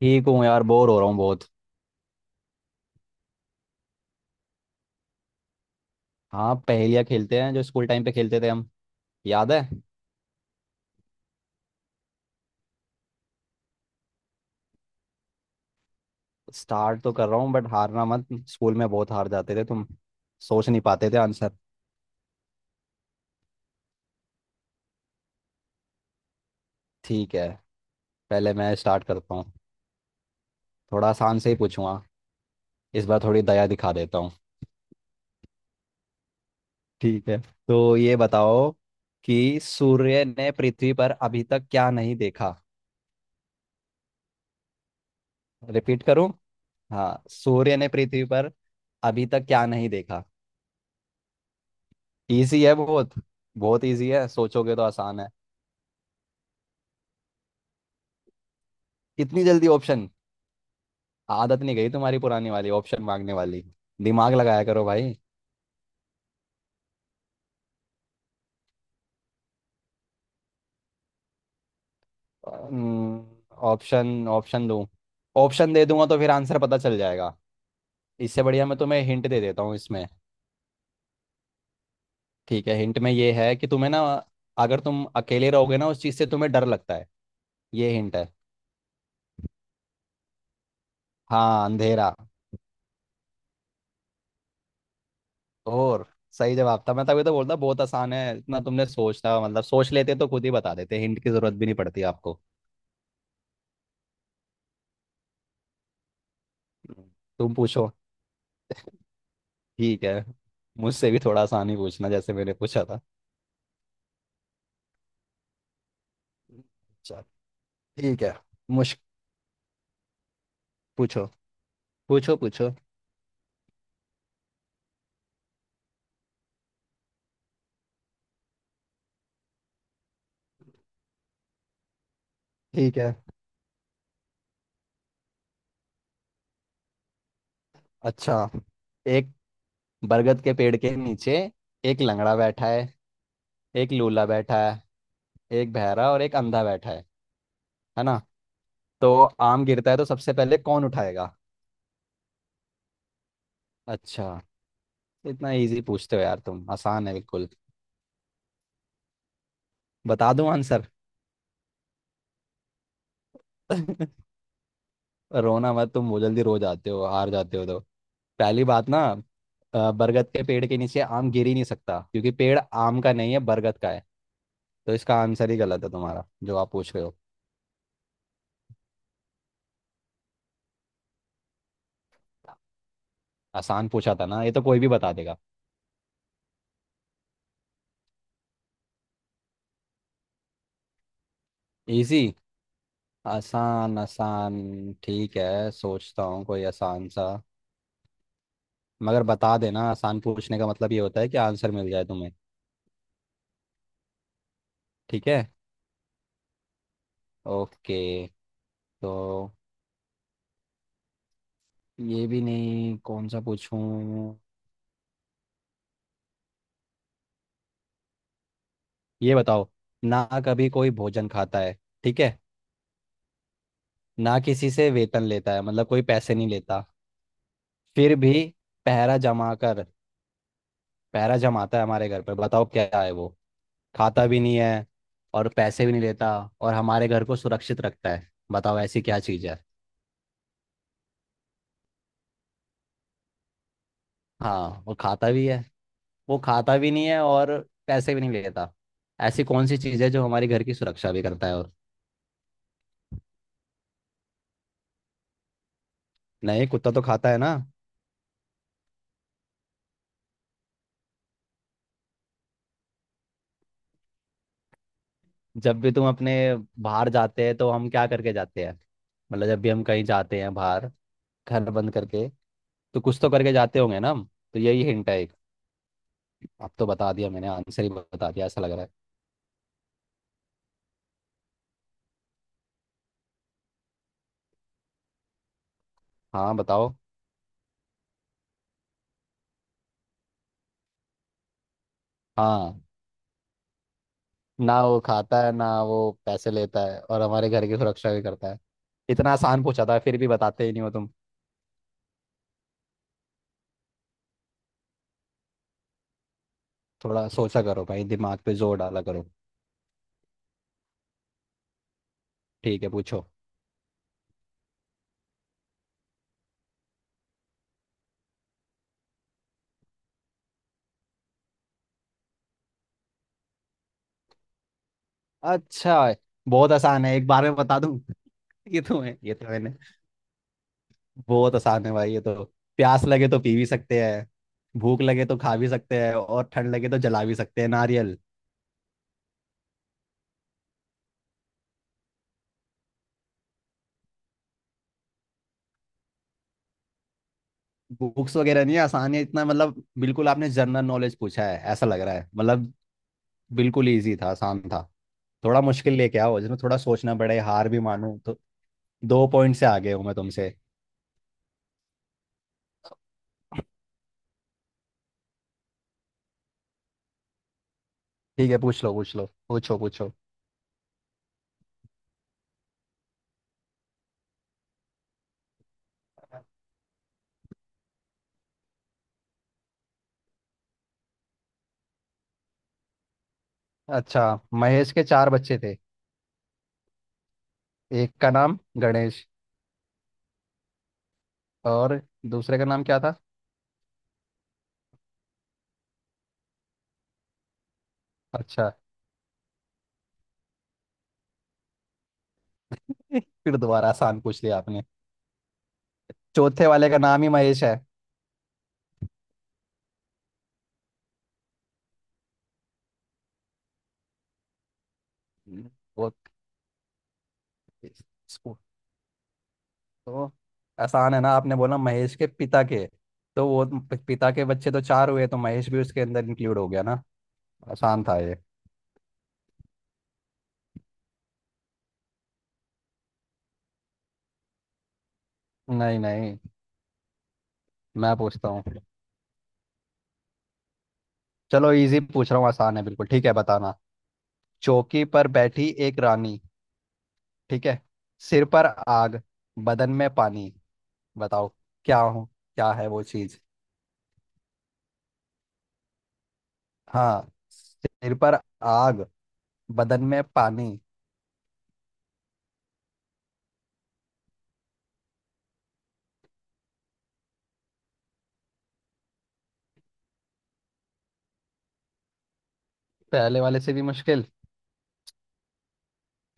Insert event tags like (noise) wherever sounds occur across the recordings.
ठीक हूँ यार, बोर हो रहा हूँ बहुत। हाँ, पहेलियाँ खेलते हैं जो स्कूल टाइम पे खेलते थे हम। याद है? स्टार्ट तो कर रहा हूँ, बट हारना मत। स्कूल में बहुत हार जाते थे तुम, सोच नहीं पाते थे आंसर। ठीक है, पहले मैं स्टार्ट करता हूँ। थोड़ा आसान से ही पूछूंगा। इस बार थोड़ी दया दिखा देता हूँ। ठीक है, तो ये बताओ कि सूर्य ने पृथ्वी पर अभी तक क्या नहीं देखा? रिपीट करूँ? हाँ, सूर्य ने पृथ्वी पर अभी तक क्या नहीं देखा? इजी है बहुत। बहुत इजी है, सोचोगे तो आसान है। इतनी जल्दी ऑप्शन? आदत नहीं गई तुम्हारी पुरानी वाली, ऑप्शन मांगने वाली। दिमाग लगाया करो भाई। ऑप्शन ऑप्शन दूं? ऑप्शन दे दूंगा तो फिर आंसर पता चल जाएगा। इससे बढ़िया मैं तुम्हें हिंट दे देता हूँ इसमें। ठीक है, हिंट में ये है कि तुम्हें ना, अगर तुम अकेले रहोगे ना, उस चीज़ से तुम्हें डर लगता है। ये हिंट है। हाँ, अंधेरा। और सही जवाब था, मैं तभी तो बोलता बहुत आसान है इतना। तुमने सोचना, मतलब सोच लेते तो खुद ही बता देते, हिंट की जरूरत भी नहीं पड़ती आपको। तुम पूछो। ठीक है, मुझसे भी थोड़ा आसान ही पूछना जैसे मैंने पूछा था। अच्छा। ठीक है, मुझ पूछो पूछो पूछो। ठीक है। अच्छा, एक बरगद के पेड़ के नीचे एक लंगड़ा बैठा है, एक लूला बैठा है, एक बहरा और एक अंधा बैठा है ना? तो आम गिरता है तो सबसे पहले कौन उठाएगा? अच्छा। इतना इजी पूछते हो यार तुम, आसान है बिल्कुल। बता दूं आंसर? (laughs) रोना मत तुम, वो जल्दी रो जाते हो, हार जाते हो तो। पहली बात ना, बरगद के पेड़ के नीचे आम गिर ही नहीं सकता, क्योंकि पेड़ आम का नहीं है, बरगद का है। तो इसका आंसर ही गलत है तुम्हारा, जो आप पूछ रहे हो। आसान पूछा था ना, ये तो कोई भी बता देगा। इजी? आसान आसान, ठीक है, सोचता हूँ कोई आसान सा। मगर बता देना, आसान पूछने का मतलब ये होता है कि आंसर मिल जाए तुम्हें। ठीक है। ओके। तो ये भी नहीं, कौन सा पूछूं। ये बताओ, ना कभी कोई भोजन खाता है, ठीक है, ना किसी से वेतन लेता है, मतलब कोई पैसे नहीं लेता। फिर भी पहरा जमा कर, पहरा जमाता है हमारे घर पर। बताओ क्या है वो? खाता भी नहीं है और पैसे भी नहीं लेता और हमारे घर को सुरक्षित रखता है। बताओ ऐसी क्या चीज़ है? हाँ वो खाता भी है। वो खाता भी नहीं है और पैसे भी नहीं लेता। ऐसी कौन सी चीज़ है जो हमारे घर की सुरक्षा भी करता है और? नहीं, कुत्ता तो खाता है ना। जब भी तुम अपने बाहर जाते हैं तो हम क्या करके जाते हैं? मतलब जब भी हम कहीं जाते हैं बाहर, घर बंद करके, तो कुछ तो करके जाते होंगे ना हम। तो यही हिंट है एक। अब तो बता दिया मैंने, आंसर ही बता दिया ऐसा लग रहा है। हाँ, बताओ। हाँ। ना वो खाता है, ना वो पैसे लेता है, और हमारे घर की सुरक्षा भी करता है। इतना आसान पूछा था, फिर भी बताते ही नहीं हो तुम। थोड़ा सोचा करो भाई, दिमाग पे जोर डाला करो। ठीक है, पूछो। अच्छा। बहुत आसान है, एक बार में बता दूं। (laughs) ये तो है, ये तो मैंने, बहुत आसान है भाई ये तो। प्यास लगे तो पी भी सकते हैं, भूख लगे तो खा भी सकते हैं, और ठंड लगे तो जला भी सकते हैं, नारियल। बुक्स वगैरह नहीं है, आसान है इतना, मतलब बिल्कुल आपने जनरल नॉलेज पूछा है ऐसा लग रहा है मतलब। बिल्कुल इजी था, आसान था। थोड़ा मुश्किल लेके आओ, जिसमें थोड़ा सोचना पड़े, हार भी मानूं तो। दो पॉइंट से आगे हूं मैं तुमसे। ठीक है, पूछ लो, पूछो पूछो। अच्छा, महेश के चार बच्चे थे, एक का नाम गणेश, और दूसरे का नाम क्या था? अच्छा। (laughs) फिर दोबारा आसान पूछ लिया आपने। चौथे वाले का नाम ही महेश है। वो स्कू- तो आसान है ना, आपने बोला महेश के पिता के, तो वो पिता के बच्चे तो चार हुए, तो महेश भी उसके अंदर इंक्लूड हो गया ना। आसान था ये। नहीं नहीं, मैं पूछता हूँ। चलो इजी पूछ रहा हूँ, आसान है बिल्कुल, ठीक है, बताना। चौकी पर बैठी एक रानी, ठीक है, सिर पर आग, बदन में पानी। बताओ क्या हूँ, क्या है वो चीज? हाँ, सिर पर आग, बदन में पानी। पहले वाले से भी मुश्किल?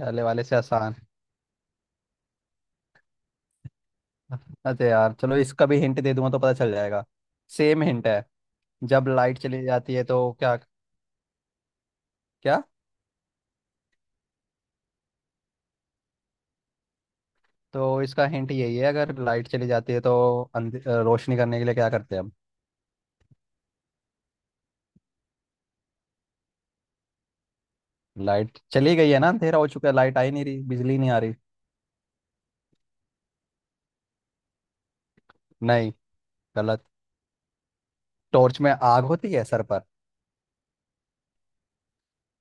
पहले वाले से आसान। अरे यार चलो, इसका भी हिंट दे दूंगा तो पता चल जाएगा। सेम हिंट है। जब लाइट चली जाती है तो क्या? क्या? तो इसका हिंट यही है, अगर लाइट चली जाती है तो रोशनी करने के लिए क्या करते हैं हम? लाइट चली गई है ना, अंधेरा हो चुका है, लाइट आई नहीं रही, बिजली नहीं आ रही। नहीं, गलत। टॉर्च में आग होती है सर पर?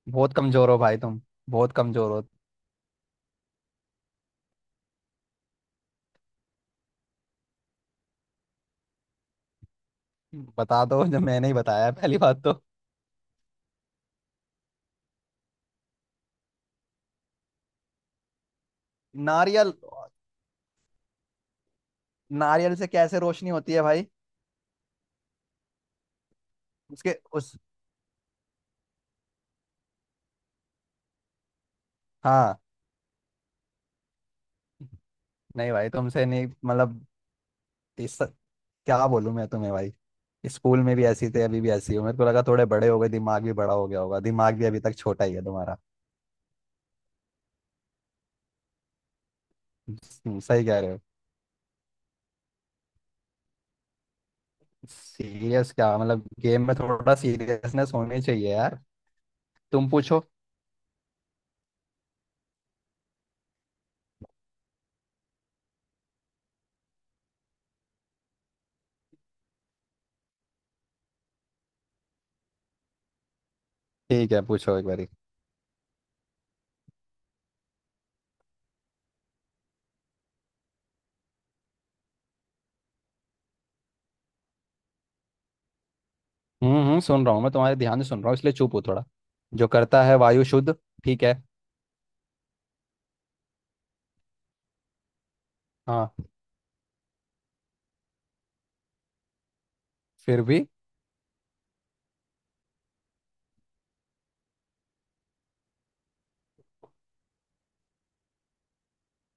बहुत कमजोर हो भाई तुम। बहुत कमजोर हो। बता दो, जब मैंने ही बताया है, पहली बात तो। नारियल? नारियल से कैसे रोशनी होती है भाई? उसके उस, हाँ, नहीं भाई, तुमसे नहीं मतलब। इस, क्या बोलूं मैं तुम्हें भाई। स्कूल में भी ऐसी थे, अभी भी ऐसी हो। मेरे को लगा थोड़े बड़े हो गए, दिमाग भी बड़ा हो गया होगा, दिमाग भी अभी तक छोटा ही है तुम्हारा। सही कह रहे हो। सीरियस क्या मतलब, गेम में थोड़ा सीरियसनेस होनी चाहिए यार। तुम पूछो। ठीक है, पूछो एक बारी। हम्म, सुन रहा हूँ मैं तुम्हारे, ध्यान से सुन रहा हूँ इसलिए चुप हूँ थोड़ा। जो करता है वायु शुद्ध, ठीक है। हाँ। फिर भी।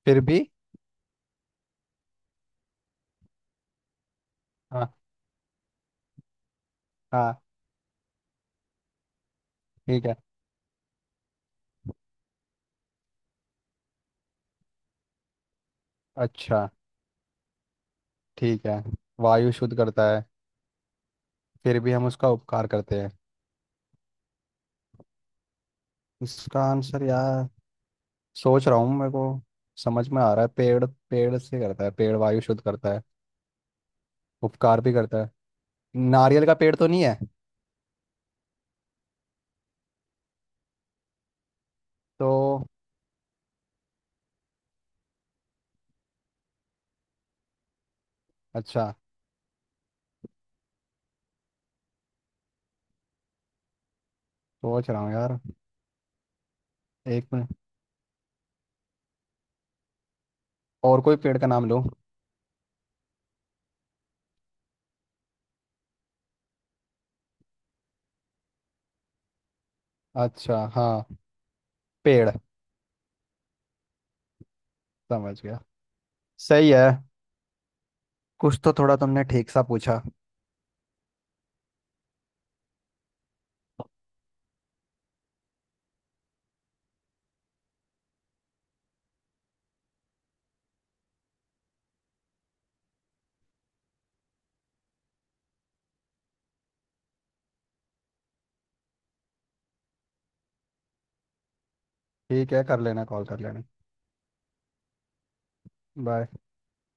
फिर भी। हाँ। हाँ। ठीक है। अच्छा, ठीक है। वायु शुद्ध करता है, फिर भी हम उसका उपकार करते हैं। इसका आंसर यार, सोच रहा हूँ मेरे को। समझ में आ रहा है, पेड़, पेड़ से करता है, पेड़ वायु शुद्ध करता है, उपकार भी करता है। नारियल का पेड़ तो नहीं है? तो? अच्छा। सोच रहा हूँ यार। एक मिनट। और कोई पेड़ का नाम लूँ? अच्छा हाँ। पेड़। समझ गया। सही है। कुछ तो थोड़ा तुमने ठीक सा पूछा। ठीक है, कर लेना, कॉल कर लेना। बाय।